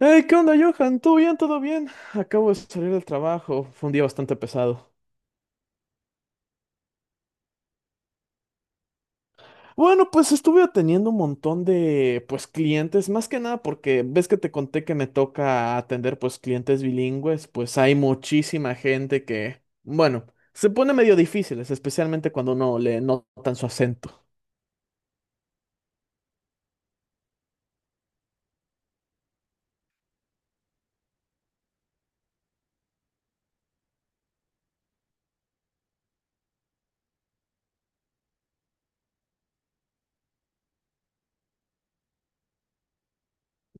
Hey, ¿qué onda, Johan? ¿Todo bien? ¿Todo bien? Acabo de salir del trabajo. Fue un día bastante pesado. Bueno, pues estuve atendiendo un montón de, pues, clientes, más que nada porque ves que te conté que me toca atender, pues, clientes bilingües, pues hay muchísima gente que, bueno, se pone medio difíciles, especialmente cuando no le notan su acento.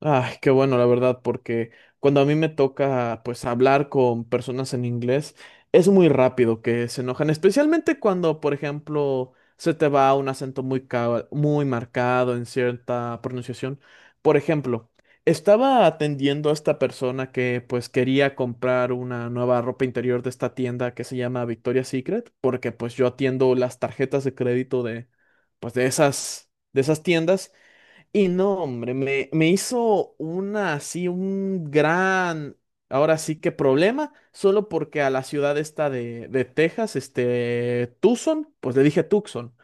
Ay, qué bueno, la verdad, porque cuando a mí me toca pues hablar con personas en inglés, es muy rápido que se enojan, especialmente cuando, por ejemplo, se te va un acento muy marcado en cierta pronunciación. Por ejemplo, estaba atendiendo a esta persona que pues quería comprar una nueva ropa interior de esta tienda que se llama Victoria's Secret, porque pues yo atiendo las tarjetas de crédito de pues de esas tiendas. Y no, hombre, me hizo una así, un gran, ahora sí que problema, solo porque a la ciudad esta de Texas, este, Tucson, pues le dije Tucson.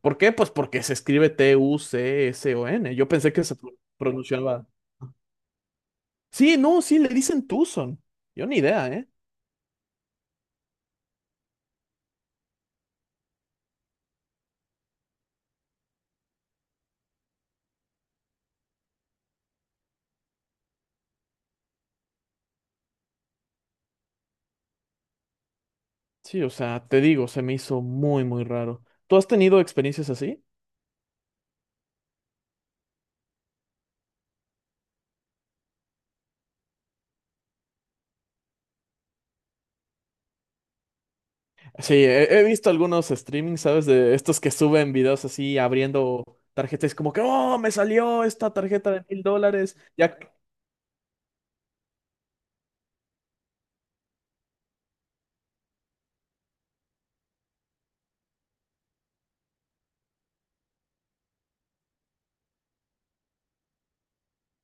¿Por qué? Pues porque se escribe T-U-C-S-O-N. Yo pensé que se pronunciaba. Sí, no, sí, le dicen Tucson. Yo ni idea, ¿eh? Sí, o sea, te digo, se me hizo muy, muy raro. ¿Tú has tenido experiencias así? Sí, he visto algunos streamings, ¿sabes? De estos que suben videos así abriendo tarjetas, como que, oh, me salió esta tarjeta de $1000. Ya.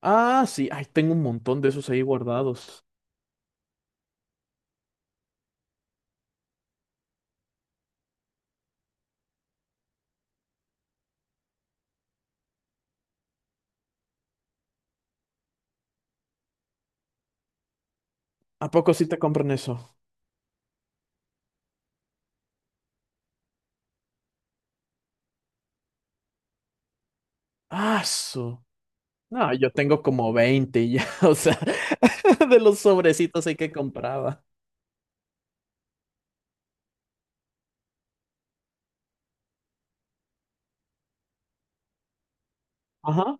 Ah, sí, ay, tengo un montón de esos ahí guardados. ¿A poco sí te compran eso? Ah, su. No, yo tengo como 20 ya, o sea, de los sobrecitos ahí que compraba. Ajá.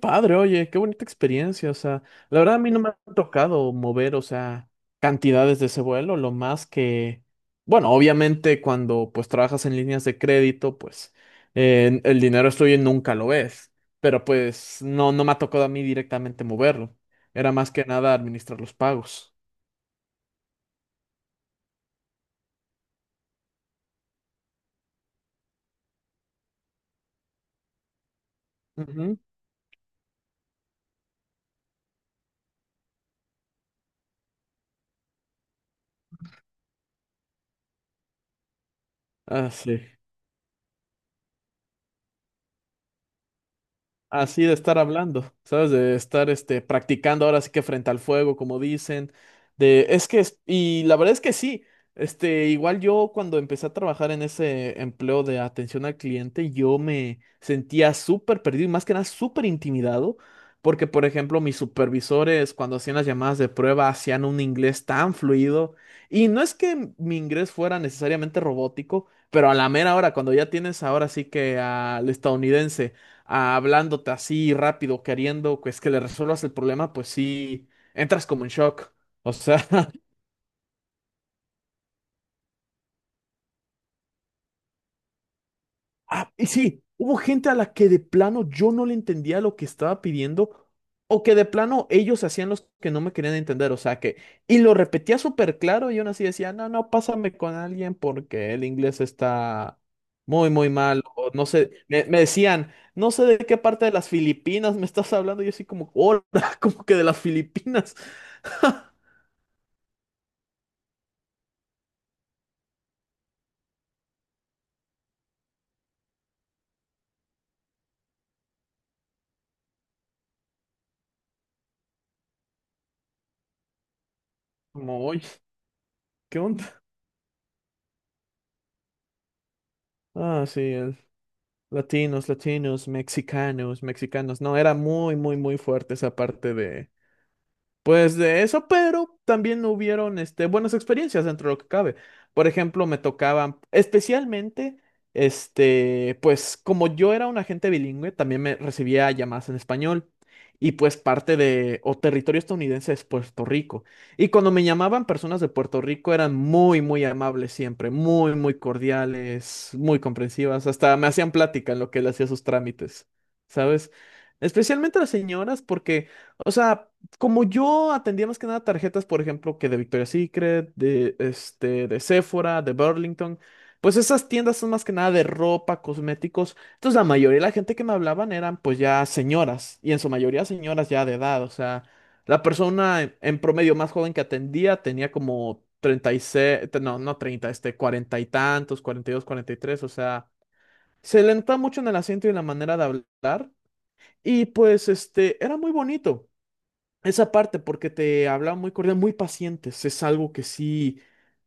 Padre, oye, qué bonita experiencia. O sea, la verdad a mí no me ha tocado mover, o sea, cantidades de ese vuelo, lo más que, bueno, obviamente cuando pues trabajas en líneas de crédito, pues el dinero es tuyo y nunca lo ves, pero pues no, no me ha tocado a mí directamente moverlo. Era más que nada administrar los pagos. Ujú. Ah, sí. Así de estar hablando, ¿sabes? De estar este, practicando ahora sí que frente al fuego, como dicen. De, es que, es- Y la verdad es que sí. Este, igual yo cuando empecé a trabajar en ese empleo de atención al cliente, yo me sentía súper perdido y más que nada súper intimidado, porque por ejemplo mis supervisores cuando hacían las llamadas de prueba hacían un inglés tan fluido y no es que mi inglés fuera necesariamente robótico, pero a la mera hora, cuando ya tienes ahora sí que al estadounidense hablándote así rápido, queriendo pues que le resuelvas el problema, pues sí, entras como en shock. O sea, ah, y sí, hubo gente a la que de plano yo no le entendía lo que estaba pidiendo o que de plano ellos hacían los que no me querían entender, o sea que, y lo repetía súper claro y aún así decía, no, no, pásame con alguien porque el inglés está muy, muy mal, o no sé, me decían, no sé de qué parte de las Filipinas me estás hablando, y yo así como, hola, como que de las Filipinas. Como, oye, ¿qué onda? Ah, sí, latinos, latinos, mexicanos, mexicanos. No, era muy, muy, muy fuerte esa parte de, pues de eso, pero también hubieron este, buenas experiencias dentro de lo que cabe. Por ejemplo, me tocaban, especialmente, este, pues como yo era un agente bilingüe, también me recibía llamadas en español. Y pues parte de, o territorio estadounidense es Puerto Rico. Y cuando me llamaban personas de Puerto Rico eran muy, muy amables siempre, muy, muy cordiales, muy comprensivas. Hasta me hacían plática en lo que él hacía sus trámites, ¿sabes? Especialmente las señoras, porque, o sea como yo atendía más que nada tarjetas, por ejemplo, que de Victoria's Secret, de, este, de Sephora, de Burlington, pues esas tiendas son más que nada de ropa, cosméticos. Entonces la mayoría de la gente que me hablaban eran pues ya señoras, y en su mayoría señoras ya de edad, o sea, la persona en promedio más joven que atendía tenía como 36, no 30, este, cuarenta y tantos, cuarenta y dos, cuarenta y tres. O sea, se le notaba mucho en el acento y en la manera de hablar, y pues este, era muy bonito. Esa parte, porque te hablaba muy cordial, muy pacientes, es algo que sí,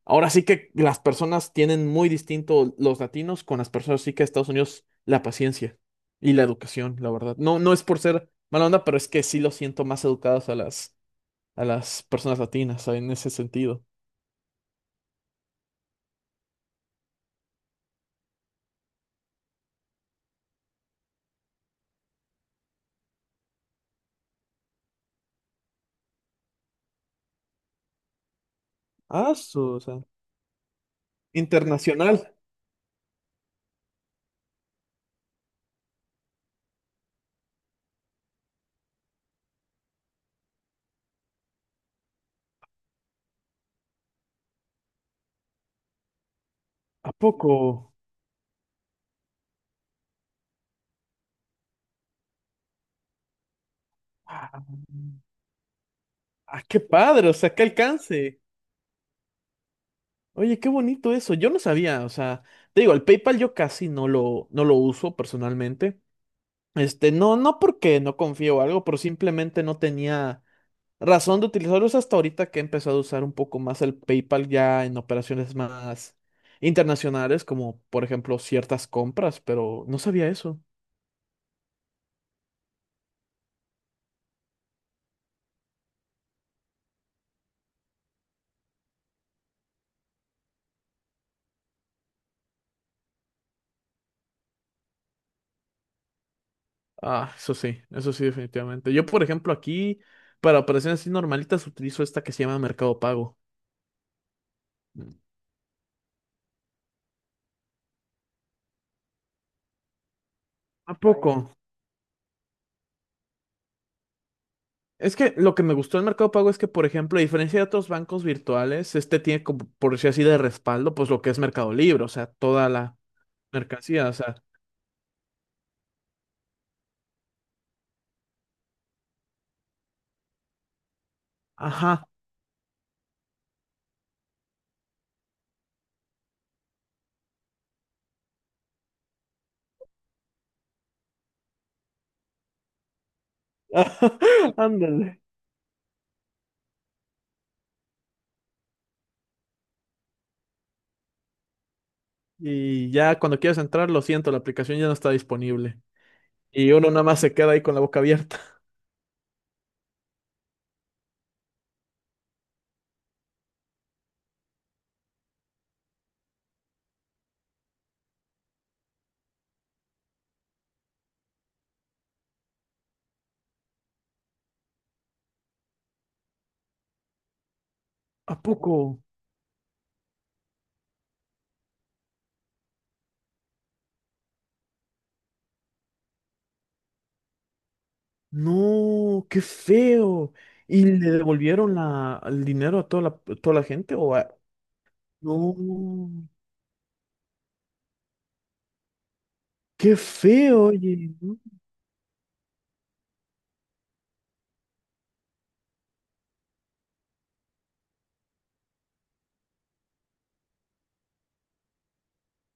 ahora sí que las personas tienen muy distinto los latinos con las personas, sí que de Estados Unidos, la paciencia y la educación, la verdad. No, no es por ser mala onda, pero es que sí lo siento más educadas a las personas latinas en ese sentido. Ah, su, o sea, internacional, ¿a poco? Ah, ah, qué padre, o sea, qué alcance. Oye, qué bonito eso. Yo no sabía, o sea, te digo, el PayPal yo casi no lo uso personalmente. Este, no, no porque no confío o algo, pero simplemente no tenía razón de utilizarlos hasta ahorita que he empezado a usar un poco más el PayPal ya en operaciones más internacionales, como por ejemplo ciertas compras, pero no sabía eso. Ah, eso sí, definitivamente. Yo, por ejemplo, aquí para operaciones así normalitas utilizo esta que se llama Mercado Pago. ¿A poco? Es que lo que me gustó del Mercado Pago es que, por ejemplo, a diferencia de otros bancos virtuales, este tiene como, por decir así, de respaldo, pues lo que es Mercado Libre, o sea, toda la mercancía, o sea, ajá, ándale. Y ya cuando quieres entrar, lo siento, la aplicación ya no está disponible. Y uno nada más se queda ahí con la boca abierta. ¿A poco? No, qué feo. ¿Y le devolvieron la, el dinero a toda la gente? ¿O a- no, qué feo, oye, ¿no?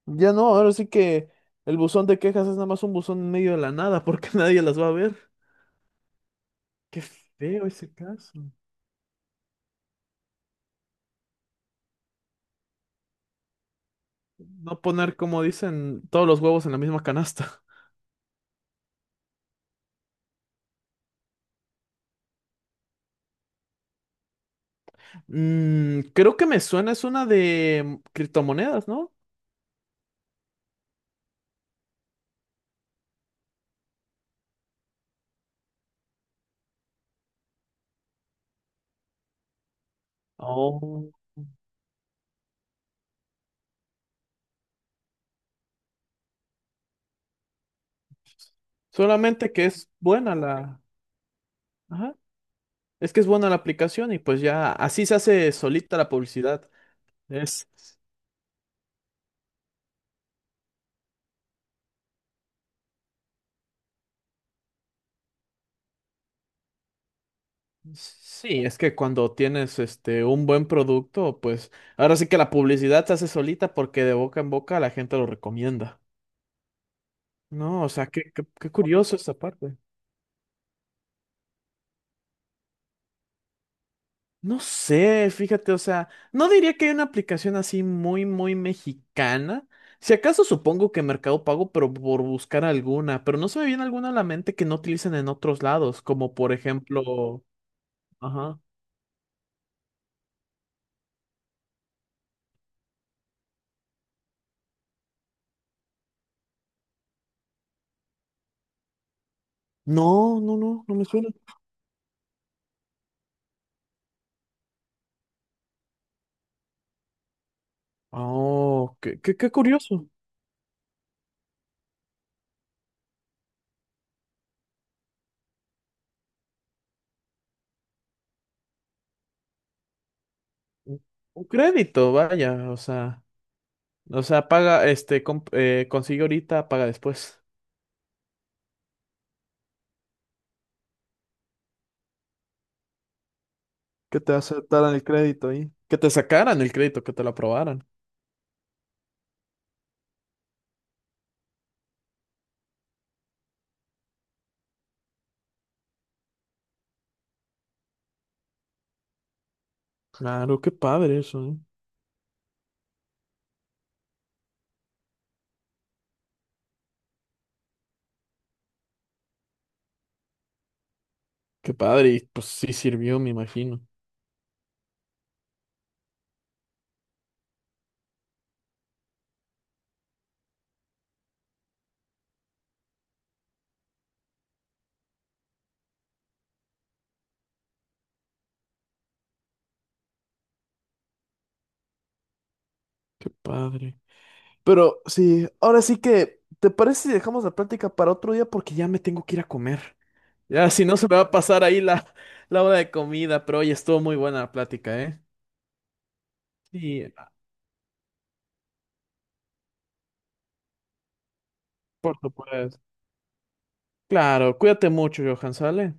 Ya no, ahora sí que el buzón de quejas es nada más un buzón en medio de la nada porque nadie las va a ver. Qué feo ese caso. No poner, como dicen, todos los huevos en la misma canasta. Mm, creo que me suena, es una de criptomonedas, ¿no? Oh. Solamente que es buena la. Ajá. Es que es buena la aplicación y pues ya así se hace solita la publicidad. Es sí, es que cuando tienes este un buen producto, pues ahora sí que la publicidad se hace solita porque de boca en boca la gente lo recomienda. No, o sea, qué, qué, qué curioso esa parte. No sé, fíjate, o sea, no diría que hay una aplicación así muy, muy mexicana. Si acaso supongo que Mercado Pago, pero por buscar alguna, pero no se me viene alguna a la mente que no utilicen en otros lados, como por ejemplo, ajá. No, no, no, no me suena. Oh, qué, qué, qué curioso. Un un crédito, vaya, o sea, paga, este, consigue ahorita, paga después. Que te aceptaran el crédito ahí. Que te sacaran el crédito, que te lo aprobaran. Claro, qué padre eso, ¿eh? Qué padre, y pues sí sirvió, me imagino. Qué padre. Pero sí, ahora sí que, ¿te parece si dejamos la práctica para otro día? Porque ya me tengo que ir a comer. Ya, si no se me va a pasar ahí la, la hora de comida, pero hoy estuvo muy buena la plática, ¿eh? Sí, por supuesto. Claro, cuídate mucho, Johan, ¿sale?